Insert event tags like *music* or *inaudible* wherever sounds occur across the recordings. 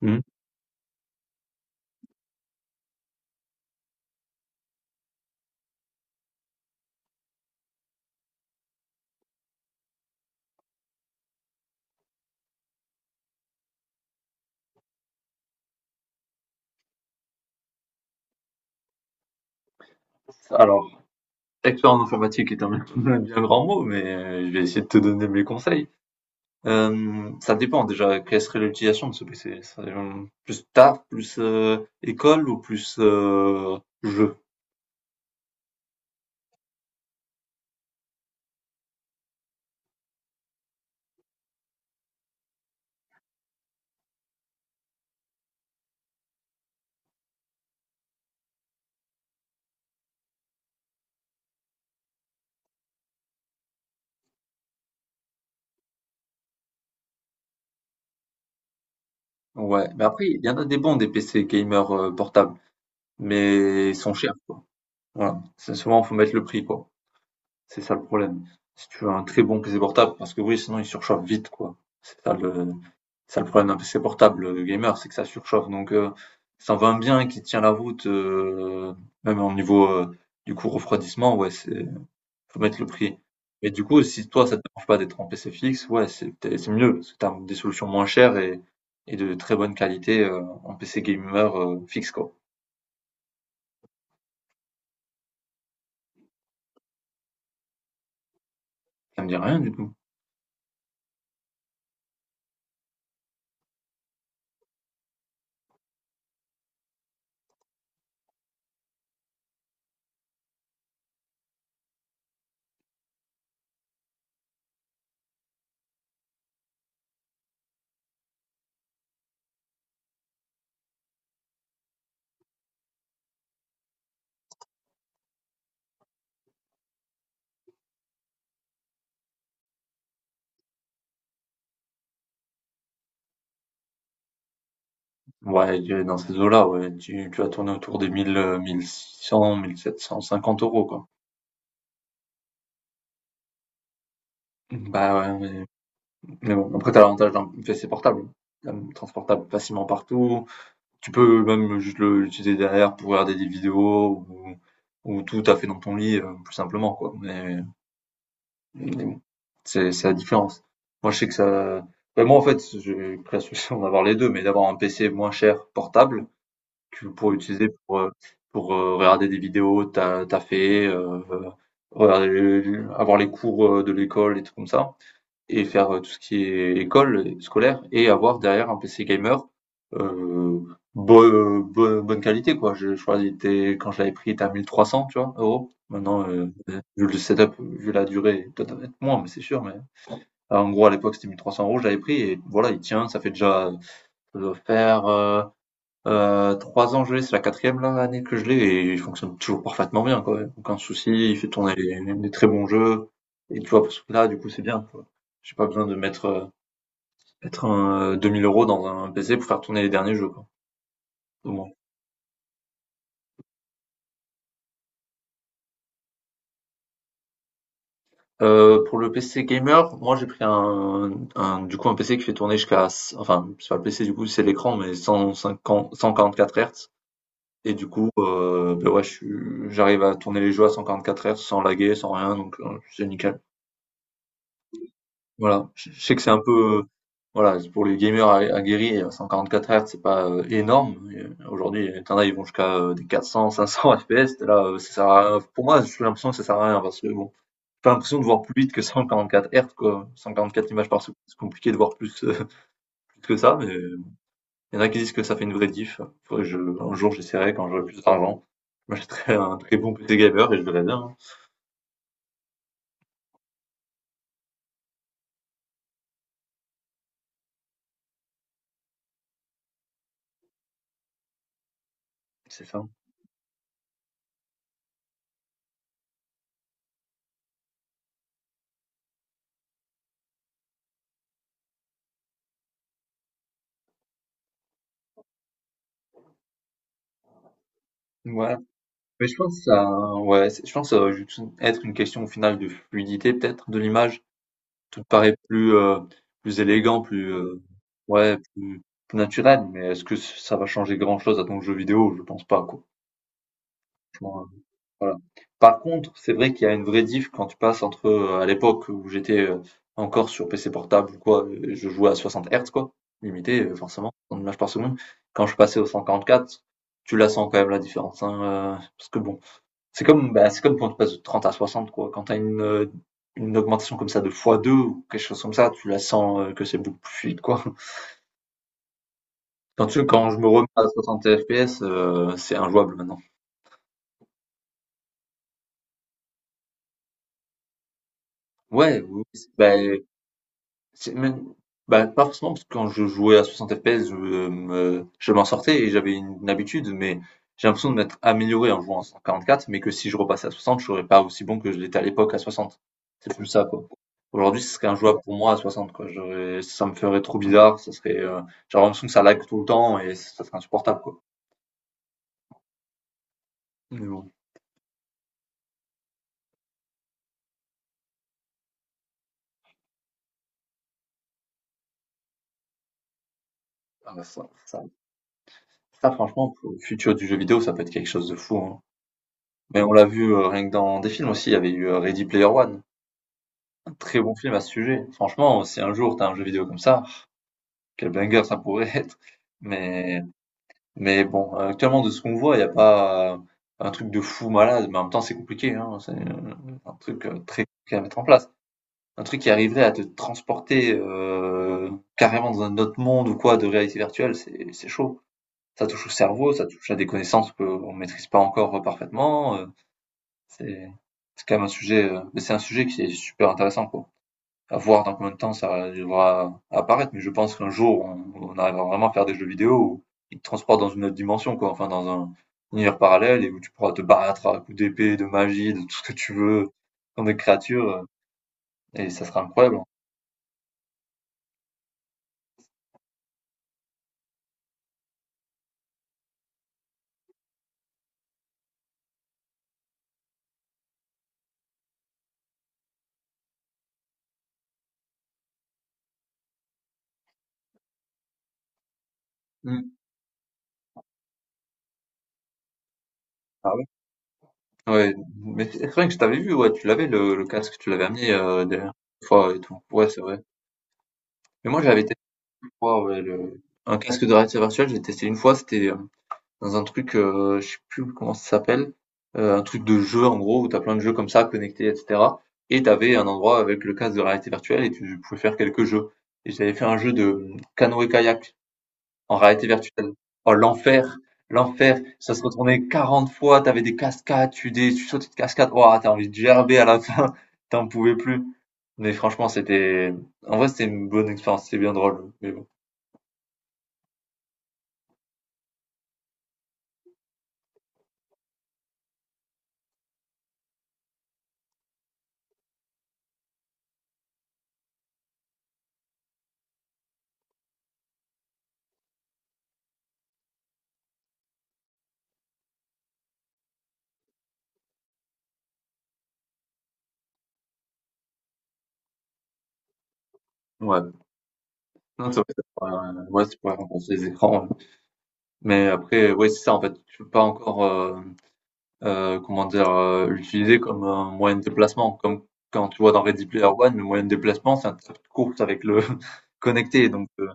Mmh. Alors, expérience informatique est un *laughs* un bien grand mot, mais je vais essayer de te donner mes conseils. Ça dépend déjà, quelle serait l'utilisation de ce PC? Ça, plus taf, plus école ou plus jeu? Ouais, mais après, il y en a des bons, des PC gamers portables, mais ils sont chers, quoi. Voilà, c'est souvent, faut mettre le prix, quoi. C'est ça le problème. Si tu veux un très bon PC portable, parce que oui, sinon il surchauffe vite, quoi. C'est ça le, C'est ça le problème d'un PC portable, gamer, c'est que ça surchauffe donc ça en va bien qui tient la route, même au niveau, du coup refroidissement, ouais, c'est faut mettre le prix. Mais du coup, si toi ça te dérange pas d'être en PC fixe, ouais, c'est peut-être c'est mieux, parce que tu des solutions moins chères et de très bonne qualité, en PC gamer, fixe quoi. Ça me dit rien du tout. Ouais, tu dans ces eaux-là, ouais, tu vas tourner autour des 1000, 1 750 € quoi. Bah ouais, mais bon, après, t'as l'avantage d'un PC portable, quand même, transportable facilement partout. Tu peux même juste l'utiliser derrière pour regarder des vidéos ou tout à fait dans ton lit, plus simplement, quoi. Mais bon, c'est la différence. Moi, je sais que ça. Ben, moi, en fait, j'ai pris la solution d'avoir les deux, mais d'avoir un PC moins cher, portable, que tu pourrais utiliser pour regarder des vidéos, t'as fait, regarder, avoir les cours de l'école et tout comme ça et faire tout ce qui est école scolaire et avoir derrière un PC gamer euh, bonne qualité quoi. Je crois qu'il était quand je l'avais pris il était à 1300 tu vois euros. Maintenant vu le setup, vu la durée, peut-être être moins mais c'est sûr mais alors, en gros à l'époque c'était 1300 euros je l'avais pris et voilà il tient ça fait déjà ça doit faire 3 ans que je l'ai c'est la quatrième là, année que je l'ai et il fonctionne toujours parfaitement bien quoi. Aucun souci il fait tourner des très bons jeux et tu vois pour ce là du coup c'est bien quoi. J'ai pas besoin de mettre mettre un 2000 euros dans un PC pour faire tourner les derniers jeux, quoi, au moins. Pour le PC gamer, moi j'ai pris un du coup un PC qui fait tourner jusqu'à enfin c'est pas le PC du coup c'est l'écran mais 150-144 Hz et du coup, bah ouais je suis j'arrive à tourner les jeux à 144 Hz sans laguer, sans rien donc, c'est nickel. Voilà, je sais que c'est un peu, voilà, c'est pour les gamers aguerris, 144 Hz, c'est pas énorme. Et, aujourd'hui, il y en a, ils vont jusqu'à des 400, 500 FPS. Là, ça sert à rien. Pour moi, j'ai l'impression que ça sert à rien parce que bon, j'ai pas l'impression de voir plus vite que 144 Hz, quoi. 144 images par seconde, c'est compliqué de voir plus, *laughs* plus que ça, mais il y en a qui disent que ça fait une vraie diff. Faudrait que je, un jour, j'essaierai quand j'aurai plus d'argent. Je m'achèterai un très bon PC gamer et je verrai bien. Hein. C'est ça. Voilà. Mais je pense que ça, ouais, c'est je pense que ça va juste être une question au final de fluidité peut-être de l'image. Tout paraît plus, plus élégant, plus, ouais, plus naturel, mais est-ce que ça va changer grand-chose à ton jeu vidéo? Je pense pas, quoi. Franchement, voilà. Par contre, c'est vrai qu'il y a une vraie diff quand tu passes entre, à l'époque où j'étais, encore sur PC portable ou quoi, je jouais à 60 Hz quoi, limité, forcément, en images par seconde. Quand je passais au 144, tu la sens quand même la différence, hein, parce que bon c'est comme, bah, c'est comme quand tu passes de 30 à 60 quoi. Quand tu as une augmentation comme ça de x deux ou quelque chose comme ça, tu la sens, que c'est beaucoup plus fluide, quoi. *laughs* Quand je me remets à 60 FPS, c'est injouable maintenant. Ouais, oui, oui. C'est même, bah, pas forcément, parce que quand je jouais à 60 FPS, je m'en sortais et j'avais une habitude, mais j'ai l'impression de m'être amélioré en jouant en 144, mais que si je repassais à 60, je serais pas aussi bon que je l'étais à l'époque à 60. C'est plus ça, quoi. Aujourd'hui, ce serait injouable pour moi à 60, quoi. Ça me ferait trop bizarre, ça serait, j'aurais l'impression que ça lag tout le temps et ça serait insupportable, quoi. Mais bon, ah bah, ça, franchement, pour le futur du jeu vidéo, ça peut être quelque chose de fou, hein. Mais on l'a vu rien que dans des films aussi, il y avait eu Ready Player One. Un très bon film à ce sujet. Franchement, si un jour t'as un jeu vidéo comme ça, quel banger ça pourrait *laughs* être. Mais, mais bon, actuellement, de ce qu'on voit, il n'y a pas un truc de fou malade, mais en même temps, c'est compliqué, hein. C'est un truc très compliqué à mettre en place. Un truc qui arriverait à te transporter carrément dans un autre monde ou quoi de réalité virtuelle, c'est chaud. Ça touche au cerveau, ça touche à des connaissances qu'on ne maîtrise pas encore parfaitement. C'est, c'est quand même un sujet, mais c'est un sujet qui est super intéressant, quoi. À voir dans combien de temps ça devra apparaître, mais je pense qu'un jour, on arrivera vraiment à faire des jeux vidéo où ils te transportent dans une autre dimension, quoi. Enfin, dans un univers parallèle et où tu pourras te battre à coups d'épée, de magie, de tout ce que tu veux, contre des créatures, et ça sera incroyable. Hmm. Ah ouais? Ouais, mais c'est vrai que je t'avais vu, ouais, tu l'avais le casque, tu l'avais amené dernière fois et tout. Ouais, c'est vrai. Mais moi, j'avais testé une fois, ouais, un casque de réalité virtuelle, j'ai testé une fois, c'était dans un truc, je sais plus comment ça s'appelle, un truc de jeu en gros, où t'as plein de jeux comme ça, connectés, etc. Et t'avais un endroit avec le casque de réalité virtuelle et tu pouvais faire quelques jeux. Et j'avais fait un jeu de canoë-kayak en réalité virtuelle. Oh, l'enfer! L'enfer! Ça se retournait 40 fois, t'avais des cascades, tu sautais de cascades, oh, t'as envie de gerber à la fin, *laughs* t'en pouvais plus. Mais franchement, c'était, en vrai, c'était une bonne expérience, c'était bien drôle. Mais bon. Ouais. Non, c'est vrai, c'est pas, ouais, c'est pas remplacer les écrans. Ouais. Mais après, ouais, c'est ça, en fait, tu peux pas encore, comment dire, l'utiliser comme un moyen de déplacement. Comme quand tu vois dans Ready Player One, le moyen de déplacement, c'est un tas de course avec le *laughs* connecté. Donc,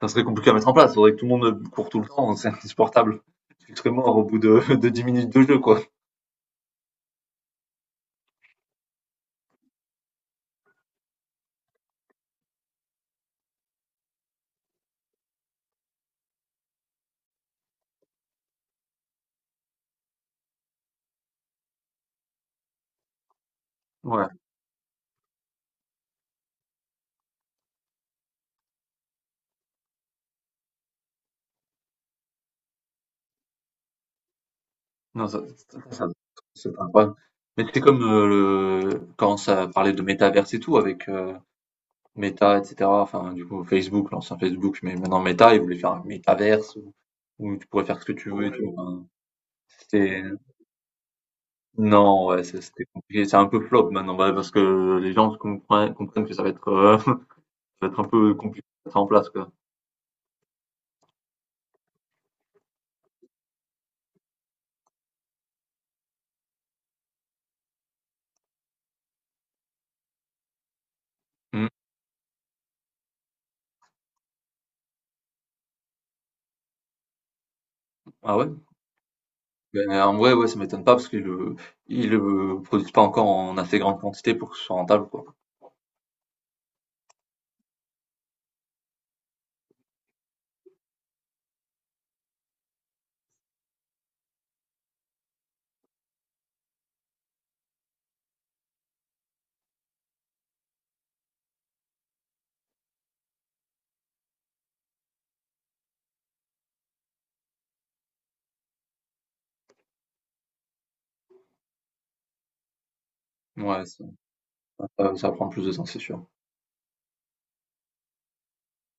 ça serait compliqué à mettre en place. Il faudrait que tout le monde court tout le temps. *laughs* C'est insupportable. Tu serais mort au bout de, *laughs* de 10 minutes de jeu, quoi. Ouais. Non, ça, ça- c'est pas grave. Mais c'est comme quand ça parlait de métaverse et tout avec Meta, etc. Enfin, du coup, Facebook, l'ancien Facebook, mais maintenant Meta, ils voulaient faire un métaverse où tu pourrais faire ce que tu veux et tout. Enfin, c'était... Non, ouais, c'était compliqué. C'est un peu flop maintenant, bah, parce que les gens comprennent, que ça va être, *laughs* ça va être un peu compliqué à mettre en place, quoi. Hmm. Ah ouais? Ben, en vrai, ouais, ça m'étonne pas parce qu'ils le produisent pas encore en assez grande quantité pour que ce soit rentable, quoi. Ouais, ça prend plus de temps, c'est sûr.